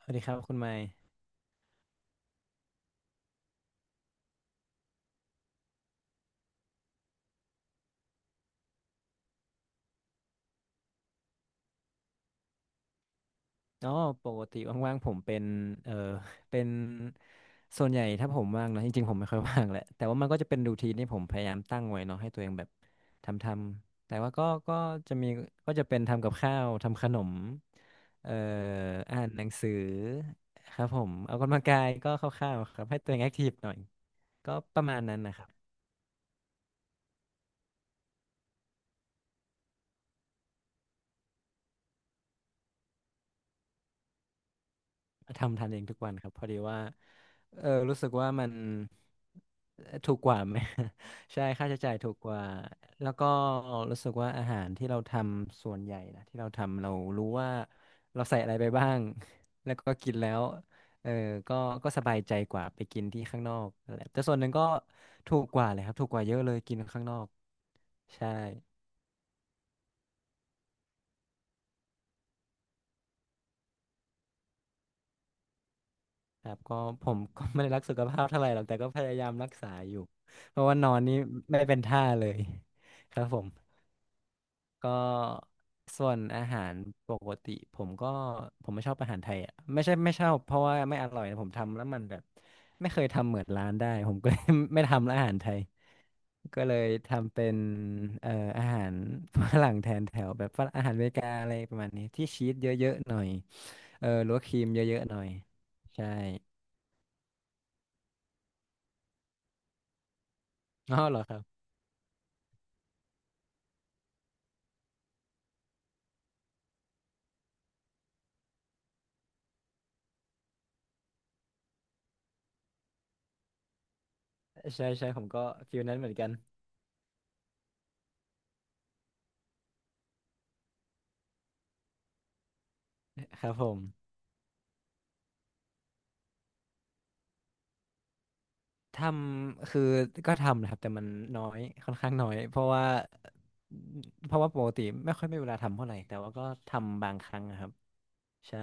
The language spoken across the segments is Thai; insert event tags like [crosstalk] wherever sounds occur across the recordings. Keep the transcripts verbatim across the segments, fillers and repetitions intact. สวัสดีครับคุณไมค์อ๋อปกติว่างๆผมเป็นเออ [laughs] เป็นส่วนใหญ่ถ้าผมว่างนะจริงๆผมไม่ค่อยว่างแหละแต่ว่ามันก็จะเป็นรูทีนที่ผมพยายามตั้งไว้เนาะให้ตัวเองแบบทำทำแต่ว่าก็ก็จะมีก็จะเป็นทำกับข้าวทำขนมเอ่ออ่านหนังสือครับผมเอากำลังกายก็คร่าวๆครับให้ตัวเองแอคทีฟหน่อยก็ประมาณนั้นนะครับ ทำทานเองทุกวันครับพอดีว่าเออรู้สึกว่ามันถูกกว่าไหม [laughs] ใช่ค่าใช้จ่ายถูกกว่าแล้วก็รู้สึกว่าอาหารที่เราทำส่วนใหญ่นะที่เราทำเรารู้ว่าเราใส่อะไรไปบ้าง [laughs] แล้วก็กินแล้วเออก็ก็สบายใจกว่าไปกินที่ข้างนอกนั่นแหละแต่ส่วนหนึ่งก็ถูกกว่าเลยครับถูกกว่าเยอะเลยกินข้างนอกใช่ ครับก็ [laughs] ผมก็ไม่ได้รักสุขภาพเท่าไหร่หรอกแต่ก็พยายามรักษาอยู่เพราะว่านอนนี่ไม่เป็นท่าเลย [laughs] ครับผมก็ส่วนอาหารปกติผมก็ผมไม่ชอบอาหารไทยอ่ะไม่ใช่ไม่ชอบเพราะว่าไม่อร่อยนะผมทำแล้วมันแบบไม่เคยทำเหมือนร้านได้ผมก็เลย [laughs] ไม่ทำแล้วอาหารไทยก็เลยทำเป็นเอ่ออาหารฝรั่งแทนแถวแบบฝรั่งอาหารอเมริกาอะไรประมาณนี้ที่ชีสเยอะๆหน่อยเออหรือว่าครีมเยอะๆหน่อยใช่อ๋อเหรอครับ ใช่ใช่ผมก็ฟิลนั้นเหมือนกัน [laughs] ครับผมทำคือก็ทำนะครับแต่มันน้อยค่อนข้างน้อยเพราะว่าเพราะว่าปกติไม่ค่อยมีเวลาทำเท่าไหร่แต่ว่าก็ทำบางครั้งนะครับใช่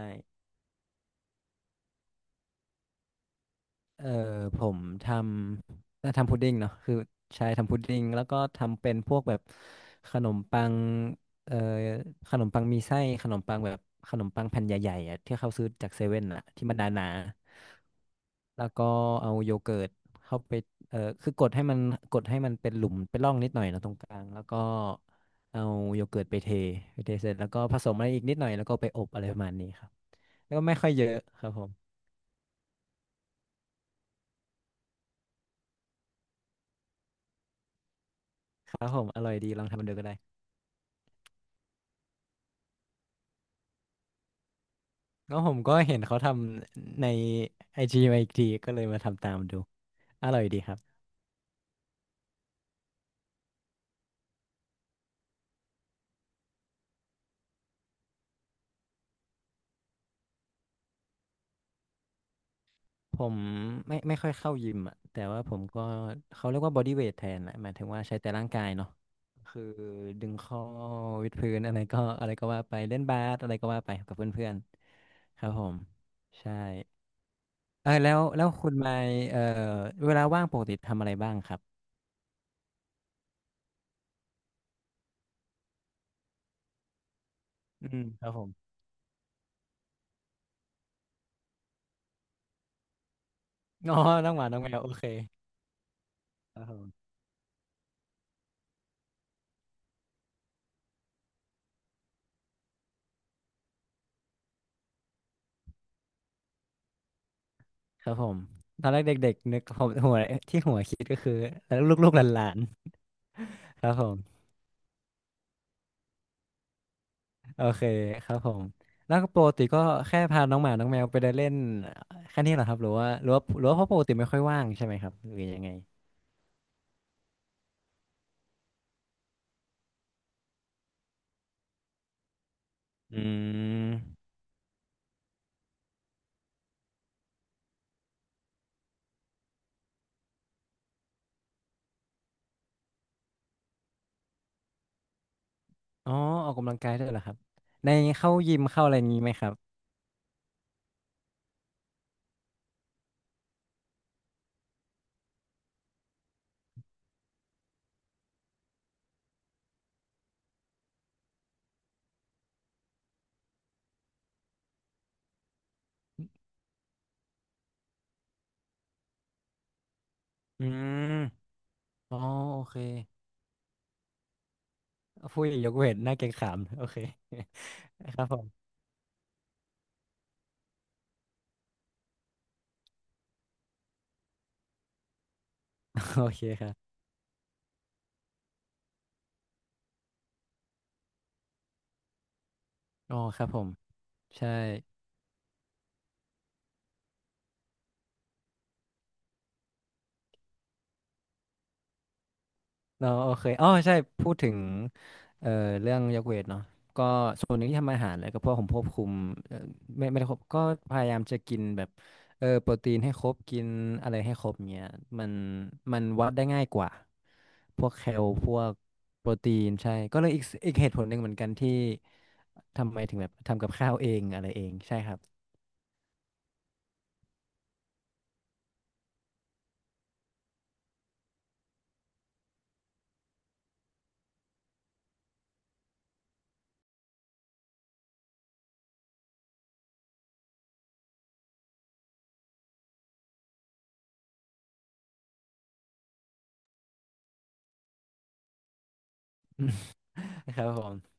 เออผมทำน่าทำพุดดิ้งเนาะคือใช่ทำพุดดิ้งแล้วก็ทำเป็นพวกแบบขนมปังเอ่อขนมปังมีไส้ขนมปังแบบขนมปังแผ่นใหญ่ๆอะที่เขาซื้อจากเซเว่นอะที่มันหนาๆแล้วก็เอาโยเกิร์ตเข้าไปเอ่อคือกดให้มันกดให้มันเป็นหลุมเป็นร่องนิดหน่อยเนอะตรงกลางแล้วก็เอาโยเกิร์ตไปเทไปเทเสร็จแล้วก็ผสมอะไรอีกนิดหน่อยแล้วก็ไปอบอะไรประมาณนี้ครับแล้วก็ไม่ค่อยเยอะครับผมครับผมอร่อยดีลองทำดูก็ได้ ก็ผมก็เห็นเขาทำในไอจีมาอีกทีก็เลยมาทำตามดูอร่อยดีครับผมไม่ไม่ค่อยเข้ายิมอ่ะแต่ว่าผมก็เขาเรียกว่าบอดี้เวทแทนแหละหมายถึงว่าใช้แต่ร่างกายเนาะคือดึงข้อวิดพื้นอะไรก็อะไรก็ว่าไปเล่นบาสอะไรก็ว่าไปกับเพื่อนๆครับผมใช่เออแล้วแล้วคุณไมค์เอ่อเวลาว่างปกติทำอะไรบ้างครับอืมครับผมอ๋อน้องหมาน้องแมวโอเคครับผม ครับผมตอนแรกเด็กๆนึกผมหัวที่หัวคิดก็คือแล้วลูกๆหลานๆครับผมโอเคครับผมแล้วก็ปกติก็แค่พาน้องหมาน้องแมวไปเดินเล่นแค่นี้เหรอครับหรือว่าหรือว่าหรือว่าเพราะปกติไม่ค่อยว่างใช่ไหมครับหรือยังไงอืมอ๋อออกกำลังกายด้วยเหรอครับในเข้ายิมเข้าอะไรอย่างนี้ไหมครับอืมอ๋อโอเคผู้หญิงยกเวทหน้าเกรงขามโอเค [laughs] ครับผมโอเคครับอ๋อครับผมใช่ เนาะโอเคอ๋อใช่พูดถึงเอ่อเรื่องยกเวทเนาะก็ส่วนหนึ่งที่ทำอาหารเลยก็เพราะผมควบคุมเอ่อไม่ไม่ได้ควบก็พยายามจะกินแบบเออโปรตีนให้ครบกินอะไรให้ครบเงี้ยมันมันวัดได้ง่ายกว่าพวกแคลพวกโปรตีนใช่ก็เลยอีกอีกเหตุผลหนึ่งเหมือนกันที่ทำไมถึงแบบทำกับข้าวเองอะไรเองใช่ครับ [laughs] ครับผม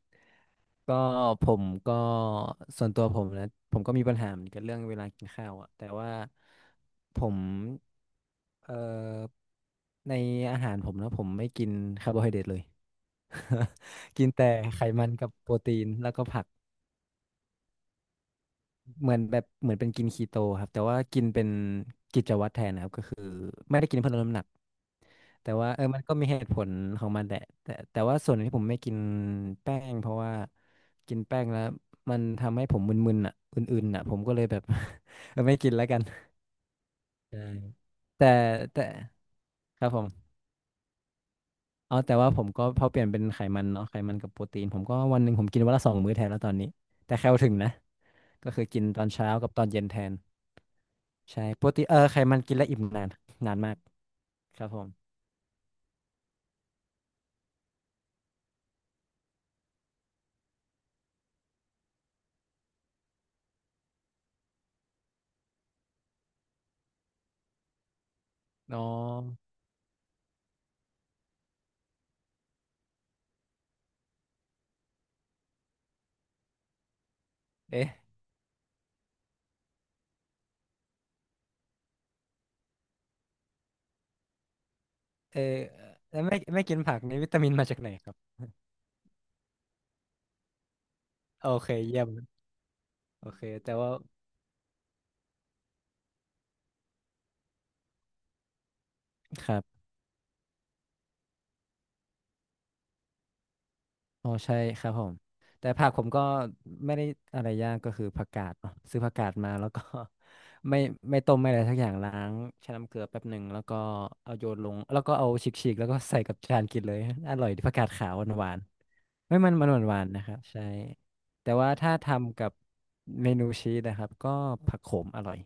ก็ผมก็ส่วนตัวผมนะผมก็มีปัญหาเหมือนกันเรื่องเวลากินข้าวอ่ะแต่ว่าผมเอ่อในอาหารผมนะผมไม่กินคาร์โบไฮเดรตเลย [laughs] กินแต่ไขมันกับโปรตีนแล้วก็ผัก เหมือนแบบเหมือนเป็นกินคีโตครับแต่ว่ากินเป็นกิจวัตรแทนนะครับก็คือไม่ได้กินเพื่อลดน้ำหนักแต่ว่าเออมันก็มีเหตุผลของมันแหละแต่แต่ว่าส่วนที่ผมไม่กินแป้งเพราะว่ากินแป้งแล้วมันทำให้ผมมึนๆอ่ะอื่นๆอ่ะผมก็เลยแบบ [laughs] เออไม่กินแล้วกันใช่แต่แต่ครับผมอ๋อแต่ว่าผมก็พอเปลี่ยนเป็นไขมันเนาะไขมันกับโปรตีนผมก็วันหนึ่งผมกินวันละสองมื้อแทนแล้วตอนนี้แต่แคลถึงนะก็คือกินตอนเช้ากับตอนเย็นแทน ใช่โปกตนเออไขมันกินแล้วอิ่มนานนานมากครับผมอ๋อเอ๊ะเออแล้วไม่ไม่กินผักนี่วิตามินมาจากไหนครับโอเคเยี่ยมโอเคแต่ว่าครับ อ๋อใช่ครับผมแต่ผักผมก็ไม่ได้อะไรยากก็คือผักกาดเนอะซื้อผักกาดมาแล้วก็ [laughs] ไม่ไม่ต้มไม่อะไรสักอย่างล้างแช่น้ำเกลือแป๊บหนึ่งแล้วก็เอาโยนลงแล้วก็เอาฉีกๆแล้วก็ใส่กับจานกินเลย [laughs] อร่อยดีผักกาดขาวหวานๆไม่มันมันหวานๆนะครับใช่แต่ว่าถ้าทำกับเมนูชีสนะครับก็ผักโขมอร่อย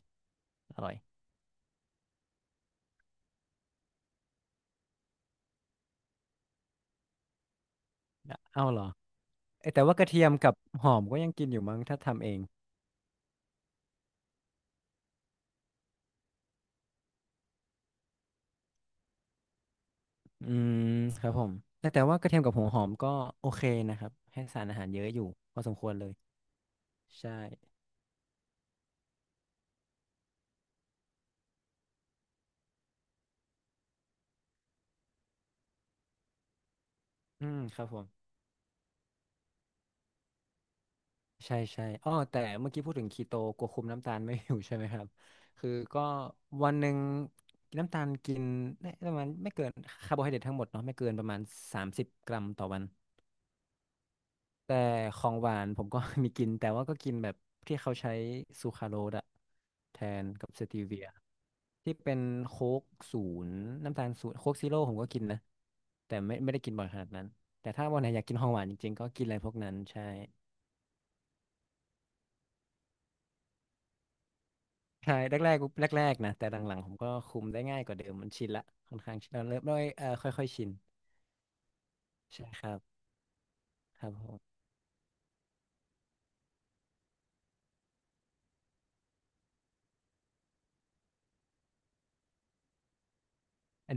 อร่อยเอ้าเหรอเอ้ยแต่ว่ากระเทียมกับหอมก็ยังกินอยู่มั้งถ้าทำเอง อืมครับผมแต่แต่ว่ากระเทียมกับหัวหอมก็โอเคนะครับให้สารอาหารเยอะอยู่พอสมควรเลยใช่อืมครับผมใช่ใช่อ้อแต่เมื่อกี้พูดถึงคีโตกลัวคุมน้ำตาลไม่อยู่ใช่ไหมครับคือก็วันหนึ่งกินน้ำตาลกินได้ประมาณไม่เกินคาร์โบไฮเดรตทั้งหมดเนาะไม่เกินประมาณสามสิบกรัมต่อวัน แต่ของหวานผมก็ [laughs] มีกินแต่ว่าก็กินแบบที่เขาใช้ซูคราโรสอะแทนกับสตีเวียที่เป็นโค้กศูนย์น้ำตาลศูนย์โค้กซีโร่ผมก็กินนะแต่ไม่ไม่ได้กินบ่อยขนาดนั้นแต่ถ้าวันไหนอยากกินของหวานจริงๆก็กินอะไรพวกนั้นใช่ใช่แรกๆแรกๆนะแต่หลังๆผมก็คุมได้ง่ายกว่าเดิมมันชินละค่อนข้างชินเราเริ่มด้วยเอ่อค่อยๆชินใช่ครับครับผม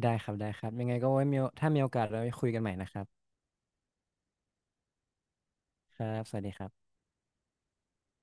ได้ครับได้ครับยังไงก็ไว้มีโอถ้ามีโอกาสเราไปคุยกันใหม่นะครับครับสวัสดีครับ